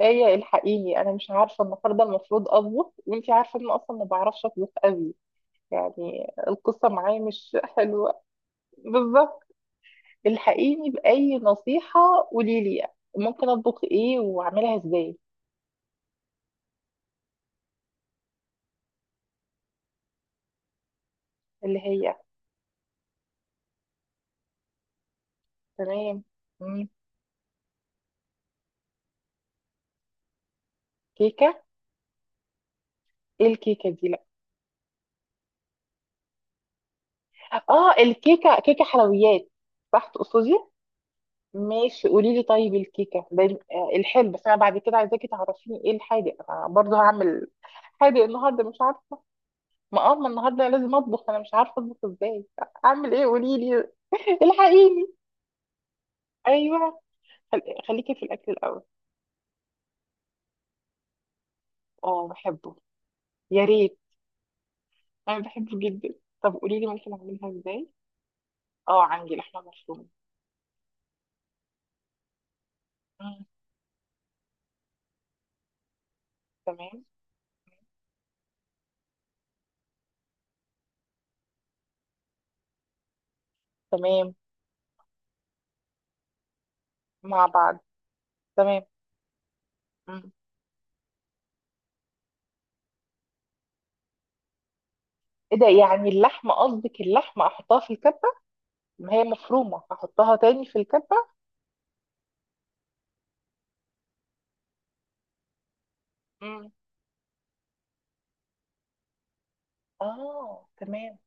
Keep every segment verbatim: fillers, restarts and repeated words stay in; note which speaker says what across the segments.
Speaker 1: ايه الحقيني، انا مش عارفه النهارده المفروض اطبخ، وانتي عارفه ان أنا اصلا ما بعرفش اطبخ قوي. يعني القصه معايا مش حلوه. بالظبط. الحقيني باي نصيحه. قولي لي. ممكن اطبخ ايه واعملها ازاي؟ اللي هي؟ تمام. مم. كيكه. ايه الكيكه دي؟ لا. اه الكيكه كيكه حلويات، صح تقصدي؟ ماشي قولي لي، طيب الكيكه ده. آه، الحلو، بس انا بعد كده عايزاكي تعرفيني ايه الحادق انا برضه هعمل. حادق النهارده مش عارفه. ما اه ما النهارده لازم اطبخ، انا مش عارفه اطبخ ازاي. اعمل ايه؟ قولي لي. الحقيني. ايوه. خل... خليكي في الاكل الاول. اه، بحبه. يا ريت. انا بحبه جدا. طب قولي لي، ممكن اعملها ازاي؟ اه، عندي لحمه مفرومه. مم. تمام. تمام. مع بعض. تمام. مم. ايه ده؟ يعني اللحمه قصدك اللحمه احطها في الكبه؟ ما هي مفرومه، احطها تاني في الكبه؟ مم. اه، تمام.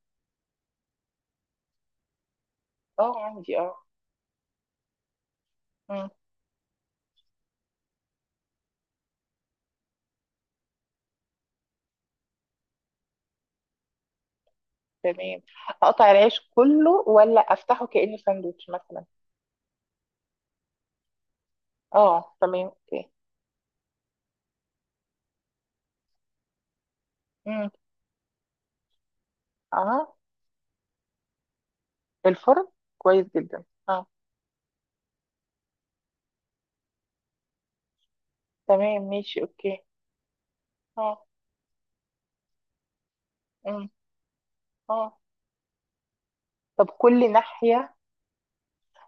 Speaker 1: اه عندي، اه. مم. تمام. اقطع العيش كله ولا افتحه كأنه ساندوتش مثلا؟ اه، تمام، اوكي. امم. اه، في الفرن. كويس جدا، اه. تمام ماشي، اوكي. اه. امم. اه. طب كل ناحية،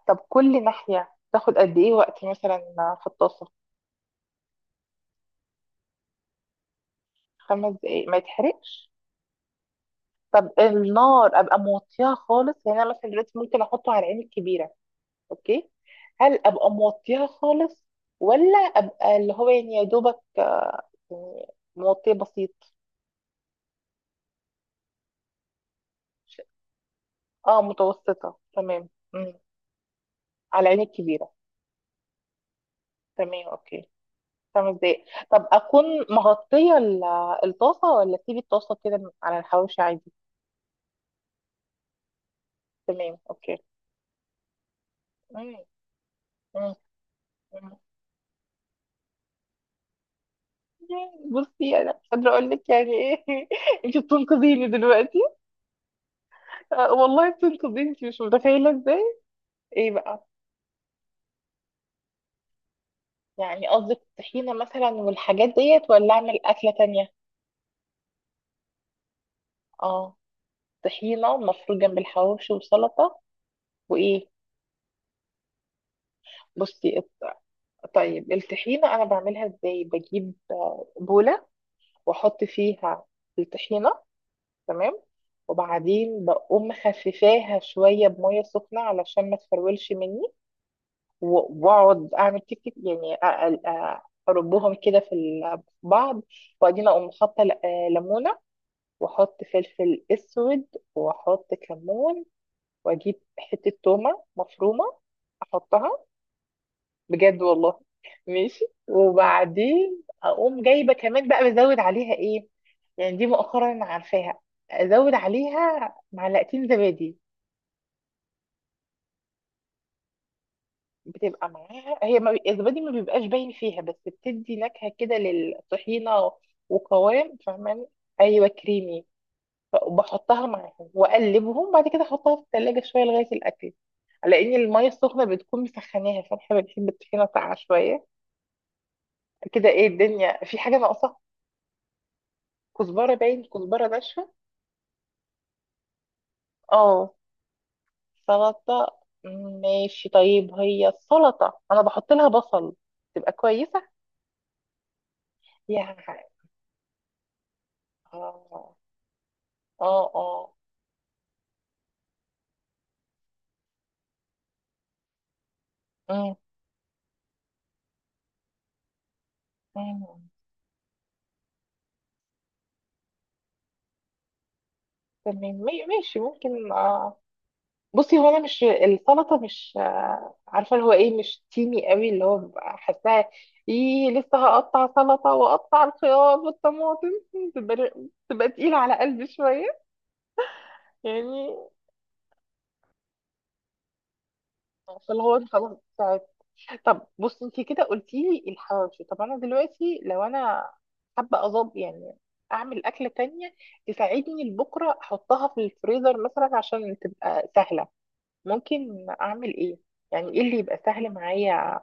Speaker 1: طب كل ناحية تاخد قد ايه وقت مثلا؟ في الطاسة؟ خمس دقايق، ما يتحرقش؟ طب النار ابقى موطيها خالص، يعني انا مثلا دلوقتي ممكن احطه على العين الكبيرة؟ اوكي. هل ابقى موطيها خالص ولا ابقى اللي هو يعني يا دوبك، يعني موطيه بسيط؟ ش- اه، متوسطة، تمام. مم. على العين الكبيرة. تمام، اوكي. خمس دقايق. طب اكون مغطية ال- الطاسة، ولا اسيب الطاسة كده على الحواوشي عادي؟ تمام، اوكي. مم. مم. مم. بصي انا مش قادرة اقول لك يعني ايه. انت بتنقذيني دلوقتي. آه، والله بتنقذيني، انت مش متخيلة ازاي. ايه بقى؟ يعني قصدك طحينة مثلا والحاجات ديت، ولا اعمل اكلة تانية؟ اه، طحينة مفروض جنب الحواوشي، وسلطة، وايه؟ بصي، طيب الطحينة أنا بعملها إزاي؟ بجيب آه، بولة، وأحط فيها الطحينة. تمام. وبعدين بقوم مخففاها شوية بمية سخنة علشان ما تفرولش مني. و- وأقعد أعمل تك تك، يعني أ- أ- أ- أربهم كده في ال- في بعض. وبعدين أقوم حاطة ل- آه، ليمونة، وأحط فلفل أسود، وأحط كمون، وأجيب حتة تومة مفرومة أحطها. بجد والله. ماشي، وبعدين اقوم جايبه كمان بقى، بزود عليها ايه؟ يعني دي مؤخرا انا عارفاها، ازود عليها معلقتين زبادي. بتبقى معاها هي ما بي- الزبادي ما بيبقاش باين فيها، بس بتدي نكهه كده للطحينه وقوام، فاهماني؟ ايوه كريمي. بحطها معاهم واقلبهم، بعد كده احطها في الثلاجه شويه لغايه الاكل، على ان الميه السخنه بتكون مسخناها، فاحنا بنحب الطحينه ساقعه شويه. كده ايه؟ الدنيا في حاجه ناقصه؟ كزبرة، باين كزبرة ناشفة. اه، سلطة. ماشي طيب، هي السلطة انا بحط لها بصل تبقى كويسة؟ يا، اه، اه، اه. أمم. أمم. تمام، ما- ماشي، ممكن، اه. بصي هو انا مش، السلطة مش آه، عارفة اللي هو ايه، مش تيمي قوي اللي هو ببقى حاساها. ايه، لسه هقطع سلطة واقطع الخيار والطماطم، تبقى تبقى تقيلة على قلبي شوية. يعني فاللي هو خلاص. طب بص انت كده قلتي لي الحواوشي، طب انا دلوقتي لو انا حابه اظبط يعني، اعمل اكله تانية تساعدني لبكره احطها في الفريزر مثلا عشان تبقى سهله. ممكن اعمل ايه؟ يعني ايه اللي يبقى سهل معايا؟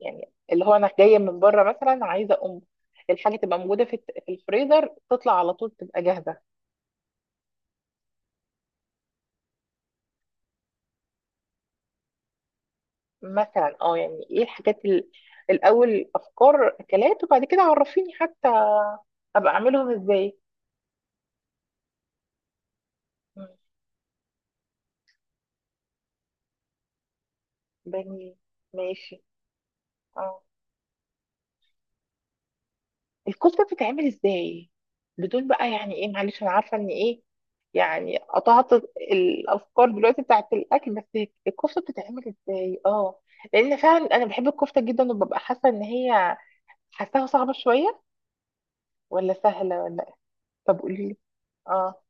Speaker 1: يعني اللي هو انا جايه من بره مثلا، عايزه اقوم الحاجه تبقى موجوده في في الفريزر، تطلع على طول تبقى جاهزه. مثلا اه، يعني ايه الحاجات ال- الاول، افكار اكلات وبعد كده عرفيني حتى ابقى اعملهم ازاي. بني. ماشي. اه. الكفتة بتتعمل ازاي؟ بدون بقى، يعني ايه، معلش انا عارفة ان ايه، يعني قطعت الافكار دلوقتي بتاعت الاكل، بس الكفتة بتتعمل ازاي؟ اه. لان فعلا انا بحب الكفتة جدا، وببقى حاسة ان هي حاساها صعبة شوية، ولا سهلة ولا إيه؟ طب قولي لي. اه.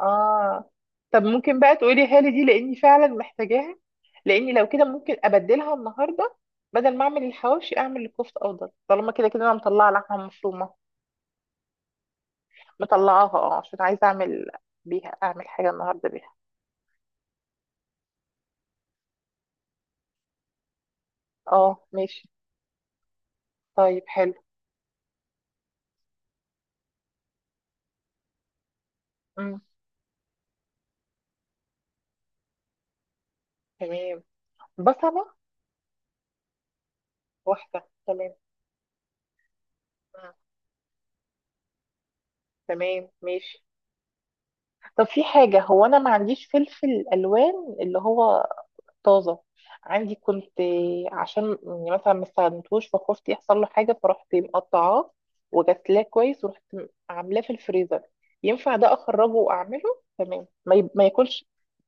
Speaker 1: اه. طب ممكن بقى تقولي لي دي لاني فعلا محتاجاها، لاني لو كده ممكن ابدلها النهارده، بدل ما اعمل الحواوشي اعمل الكفته افضل، طالما كده كده انا مطلعه لحمه مفرومه، مطلعاها، اه، عشان عايزه اعمل بيها، اعمل حاجه النهارده بيها. اه، ماشي. طيب حلو. امم. تمام. بصله واحده، تمام. مم. تمام، ماشي. طب في حاجه، هو انا ما عنديش فلفل الوان اللي هو طازة، عندي كنت، عشان يعني مثلا ما استخدمتهوش فخفت يحصل له حاجة، فرحت مقطعاه وغسلاه كويس ورحت عاملاه في الفريزر. ينفع ده أخرجه وأعمله تمام، ما, ي... ما يكونش،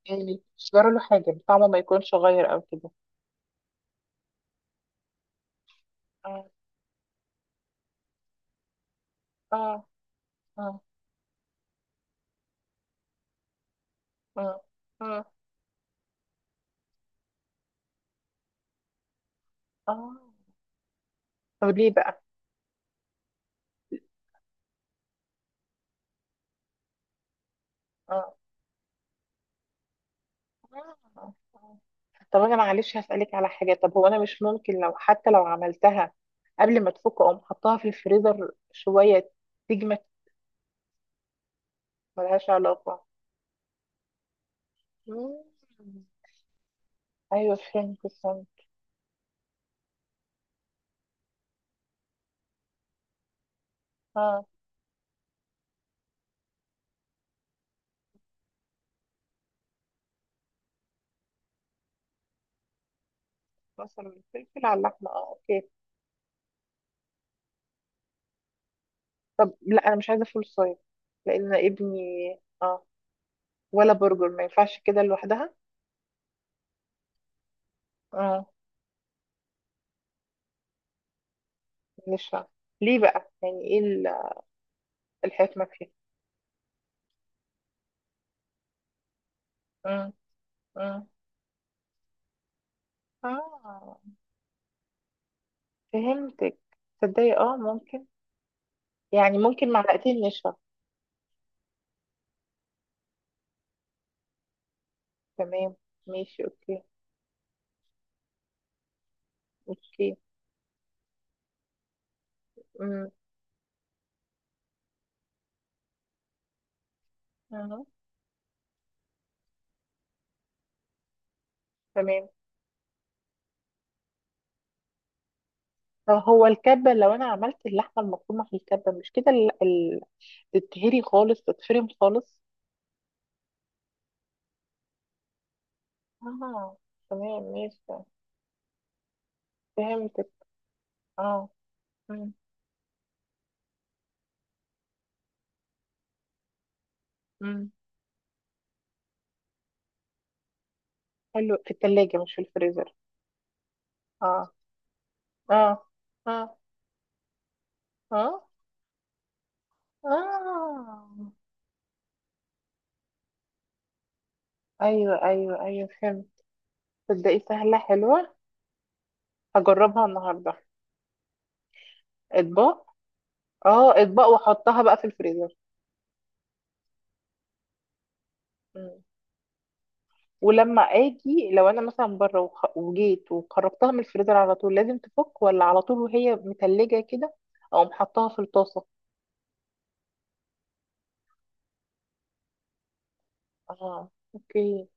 Speaker 1: يعني ما يكونش جرى له حاجة، طعمه ما يكونش غير أو كده؟ اه، اه، اه، اه، اه. آه. طب ليه بقى؟ اه. آه. آه. طب أنا معلش هسألك على حاجة، طب هو أنا مش ممكن لو، حتى لو عملتها قبل ما تفك أقوم حطها في الفريزر شوية تجمد؟ ملهاش علاقة. مم. أيوة فهمت، استنى. اه. بصل والفلفل على اللحمة، اه، اوكي. طب لا، أنا مش عايزة فول صويا لأن ابني، اه، ولا برجر ما ينفعش كده لوحدها؟ اه. مش فاهمة. ليه بقى؟ يعني ايه ال- الحكمة فيها؟ مم. مم. اه، فهمتك. تصدقي اه ممكن، يعني ممكن معلقتين نشا. تمام، ماشي، اوكي. اوكي. مم. مم. تمام. هو الكبة لو أنا عملت اللحمة المفرومة في الكبة مش كده ال- ال- تتهري خالص، تتفرم خالص؟ اه. تمام ماشي، فهمتك. اه. مم. مم. حلو، في التلاجة مش في الفريزر؟ اه، اه، اه، اه، اه. ايوه، ايوه، ايوه، فهمت. تصدقي سهلة حلوة، هجربها النهاردة. اطباق. اه، اطباق واحطها بقى في الفريزر. مم. ولما اجي، لو انا مثلا بره وخ- وجيت وخرجتها من الفريزر على طول، لازم تفك ولا على طول وهي متلجة كده اقوم حطها في الطاسة؟ اه، اوكي.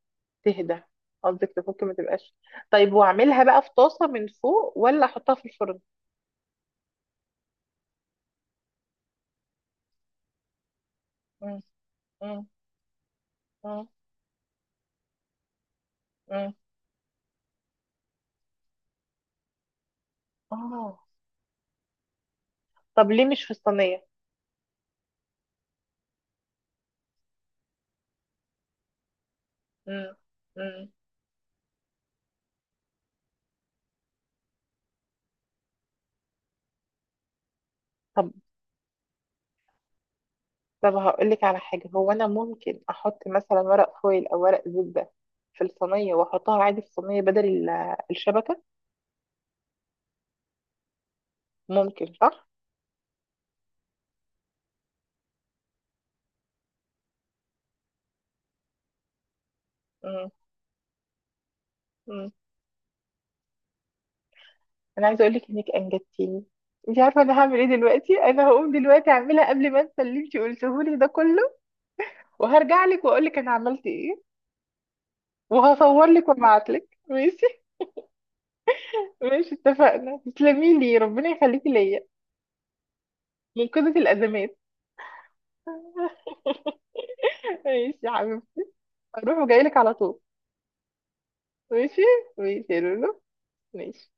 Speaker 1: تهدى، قصدك تفك ما تبقاش. طيب واعملها بقى في طاسة من فوق ولا احطها في الفرن؟ مم. مم. مم. مم. اه. طب ليه مش في الصينية؟ مم. مم. طب طب هقول لك على حاجة، هو انا ممكن احط مثلا ورق فويل او ورق زبدة في الصينية واحطها عادي في الصينية بدل ال- الشبكة؟ ممكن صح. مم. مم. انا عايزه اقول لك انك انجدتيني. انت عارفه انا هعمل ايه دلوقتي؟ انا هقوم دلوقتي اعملها قبل ما انسى اللي انت قلته لي ده كله، وهرجع لك واقول لك انا عملت ايه، وهصور لك وابعت لك. ماشي، ماشي اتفقنا، تسلمي لي، ربنا يخليكي ليا. منقذة الازمات. ماشي يا حبيبتي. هروح وجاي لك على طول. ماشي. ماشي يا لولو. ماشي.